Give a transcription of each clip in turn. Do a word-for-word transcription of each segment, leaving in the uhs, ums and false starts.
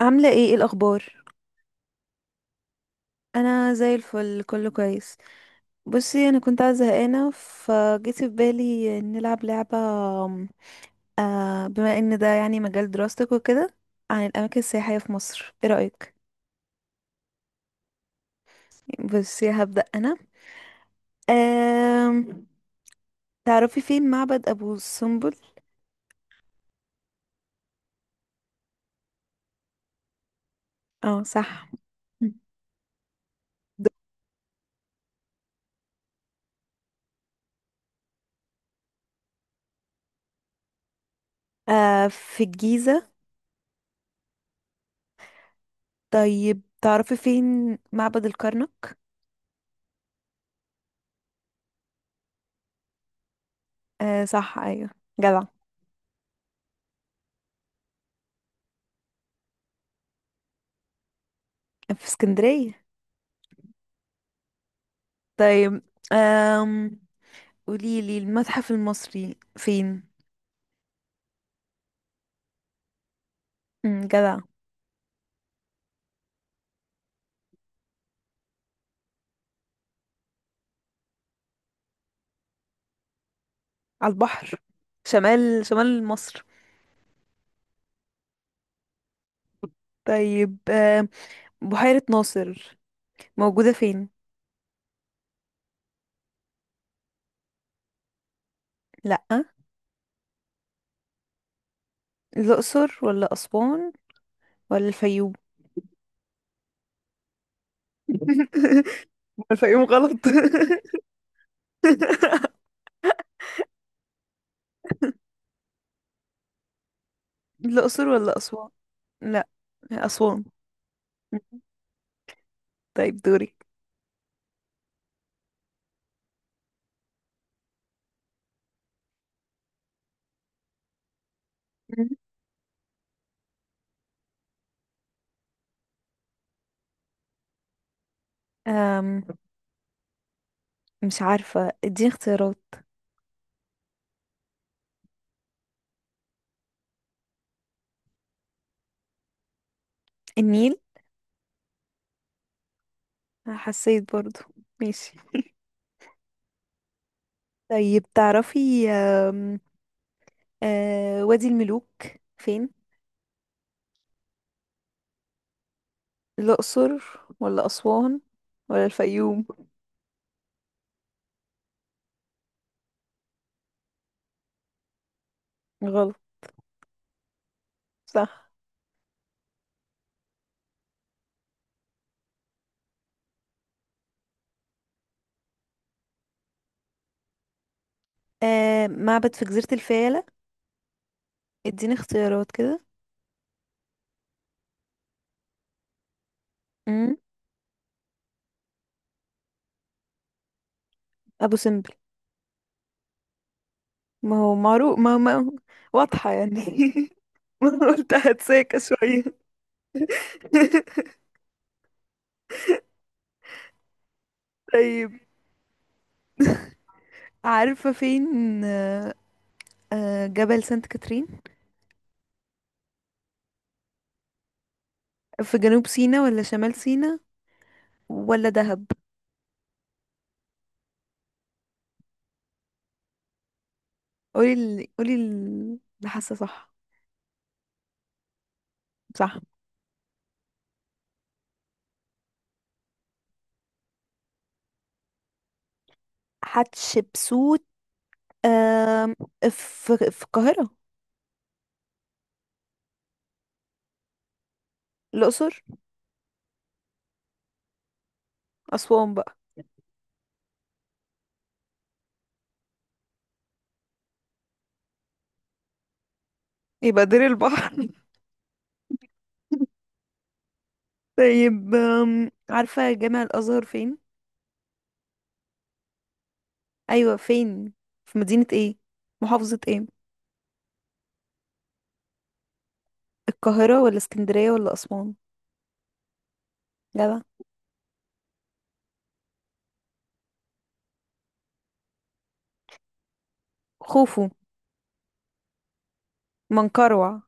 عاملة ايه ايه الأخبار؟ أنا زي الفل، كله كويس. بصي، أنا كنت قاعدة زهقانة فجيت في بالي نلعب لعبة، آه، بما ان ده يعني مجال دراستك وكده، عن الأماكن السياحية في مصر، ايه رأيك؟ بصي هبدأ أنا. آم... تعرفي فين معبد أبو سمبل؟ اه صح. آه، في الجيزة. طيب تعرفي فين معبد الكرنك؟ آه صح، أيوه، جدع. في اسكندرية. طيب، آم... قوليلي المتحف المصري فين. مم، جدع. على البحر، شمال شمال مصر. طيب آه، بحيرة ناصر موجودة فين؟ لأ. الأقصر ولا أسوان ولا الفيوم؟ الفيوم غلط. الأقصر ولا أسوان؟ لأ، أسوان. طيب دوري. مم. أم، مش عارفة، اديني اختيارات. النيل. حسيت برضو. ماشي. طيب تعرفي آه وادي الملوك فين؟ الأقصر ولا أسوان ولا الفيوم؟ غلط. صح. آه، معبد في جزيرة الفيلة، اديني اختيارات كده. امم، أبو سمبل. ما هو معروف، ما ما واضحة يعني. ما أنا قلت هتساكى شوية. طيب، عارفة فين آه، آه، جبل سانت كاترين؟ في جنوب سيناء ولا شمال سيناء ولا دهب؟ قولي ال... قولي ال- اللي حاسة صح. صح. حتشبسوت، آم، في في القاهرة. الأقصر. أسوان بقى. يبقى دير البحر. طيب آم، عارفة جامع الأزهر فين؟ أيوة فين؟ في مدينة ايه؟ محافظة ايه؟ القاهرة ولا اسكندرية ولا أسوان؟ جدع. خوفو. منقروع.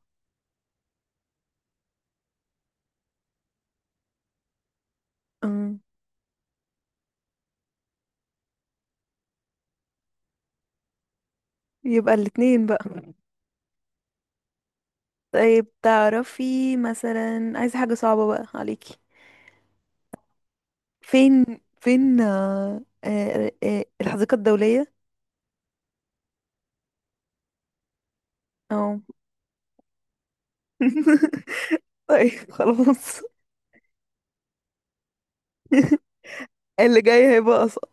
أم، يبقى الاتنين بقى. طيب تعرفي مثلا، عايزة حاجة صعبة بقى عليكي. فين، فين آه، آه، آه، الحديقة الدولية؟ اه. طيب خلاص. اللي جاي هيبقى أصعب.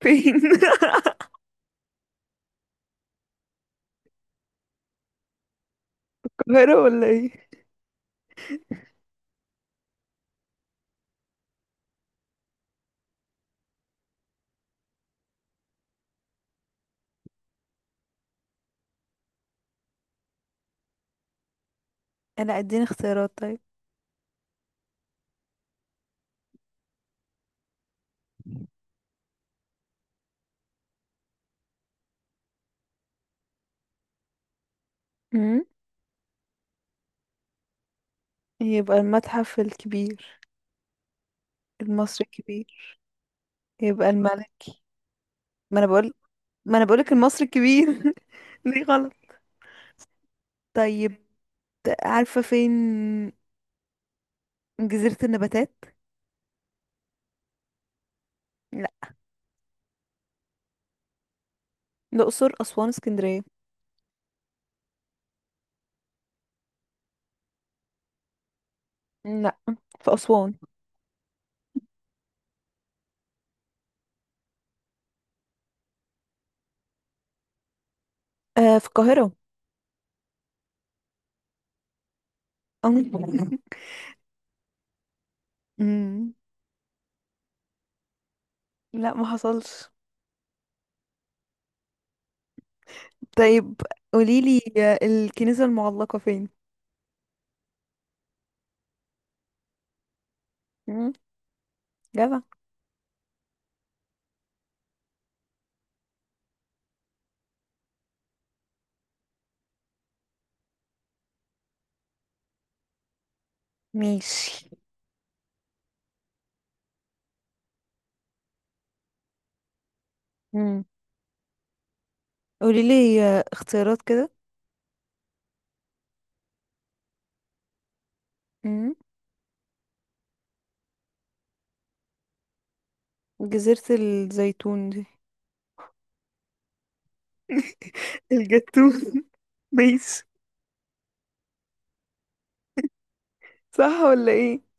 فين؟ القاهرة ولا ايه؟ انا اديني اختيارات طيب. امم، يبقى المتحف الكبير، المصري الكبير. يبقى الملك. ما انا بقول، ما انا بقولك المصري الكبير. ليه غلط؟ طيب، عارفة فين جزيرة النباتات؟ لا. الأقصر، أسوان، اسكندرية. لا، في أسوان. آه، في القاهرة. أم. مم. لا، ما حصلش. طيب قوليلي الكنيسة المعلقة فين. مم، جدع. ماشي. مم. قوليلي اختيارات كده. مم. جزيرة الزيتون دي. الجتون. ماشي. صح ولا ايه؟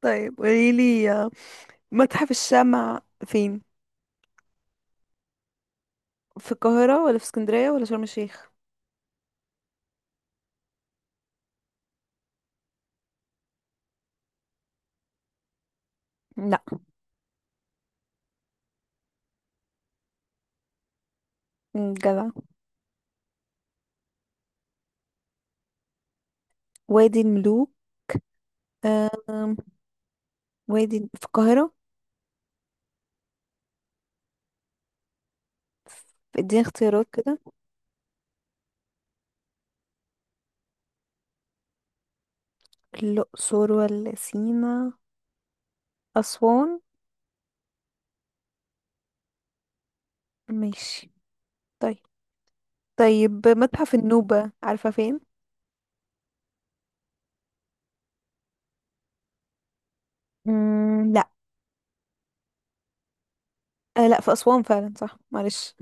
طيب قوليلي متحف الشمع فين. في القاهرة ولا في اسكندرية ولا شرم الشيخ؟ لا. مم، جدع. وادي الملوك. أم... وادي في القاهرة. اديني اختيارات كده. الأقصر ولا سينا، أسوان. ماشي. طيب. طيب، متحف النوبة عارفة فين؟ مم، لا. آه لا، في أسوان فعلا، صح، معلش.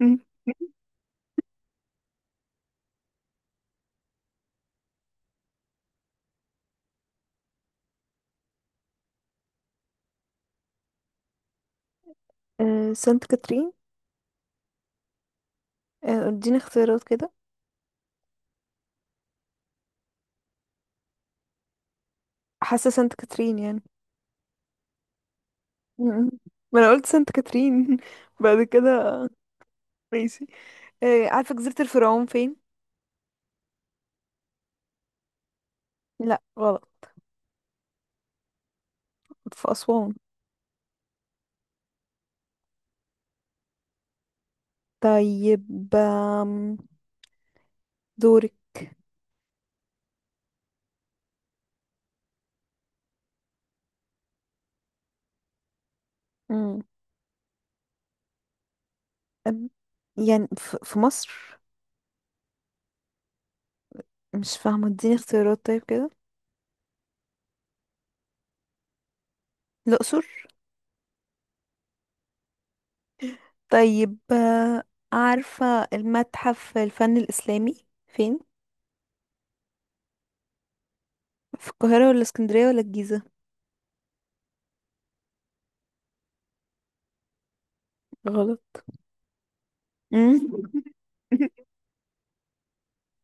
مم. آه، سانت كاترين. آه، اديني اختيارات كده. حاسة سانت كاترين يعني. م- م. ما انا قلت سانت كاترين. بعد كده ماشي. آه، عارفة جزيرة الفرعون فين؟ لا غلط. في أسوان. طيب، آم، دورك. مم. أم، يعني ف- في مصر. مش فاهمة، اديني اختيارات طيب كده. الأقصر. طيب آه، عارفة المتحف الفن الإسلامي فين؟ في القاهرة ولا اسكندرية ولا الجيزة؟ غلط. مم.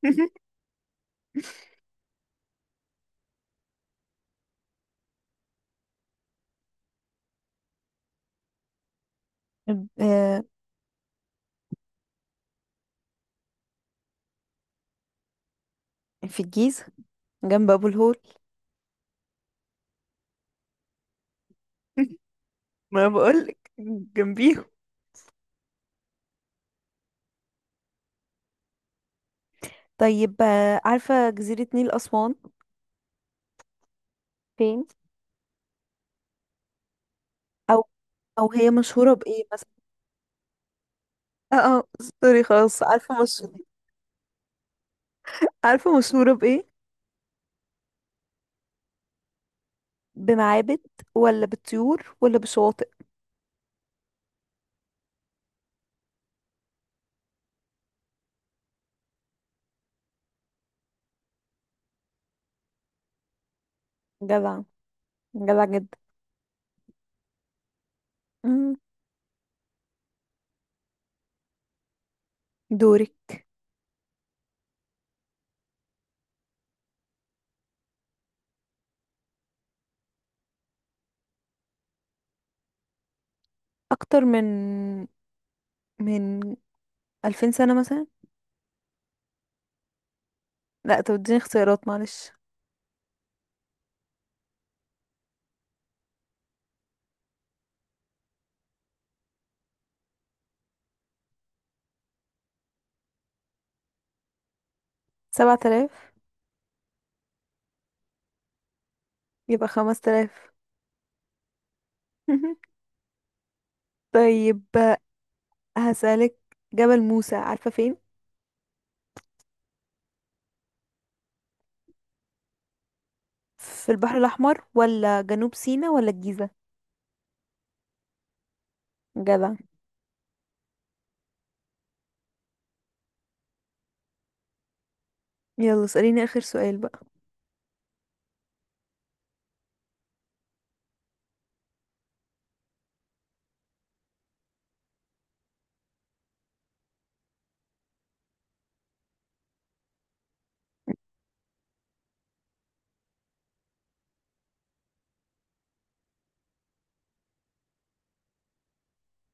آه، في الجيزة، جنب أبو الهول. ما بقولك جنبيهم. طيب آه، عارفة جزيرة نيل أسوان فين؟ أو، أو هي مشهورة بإيه مثلا؟ اه اه، سوري خلاص، عارفة، مش عارفة مشهورة بإيه؟ بمعابد ولا بطيور ولا بشواطئ؟ جدع، جدع جدا. مم. دورك. اكتر من، من الفين سنة مثلا. لا، طب اديني اختيارات معلش. سبعة آلاف. يبقى خمس آلاف. طيب هسألك، جبل موسى عارفة فين؟ في البحر الأحمر ولا جنوب سيناء ولا الجيزة؟ جدع. يلا اسأليني آخر سؤال بقى.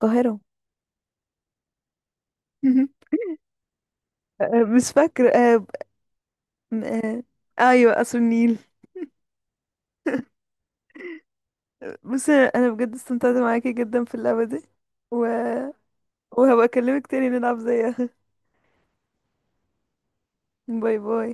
القاهرة. آه، مش فاكرة. آه، م- آه، أيوة، قصر النيل. بصي، أنا بجد استمتعت معاكي جدا في اللعبة دي، و... وهبقى أكلمك تاني نلعب زيها. باي باي.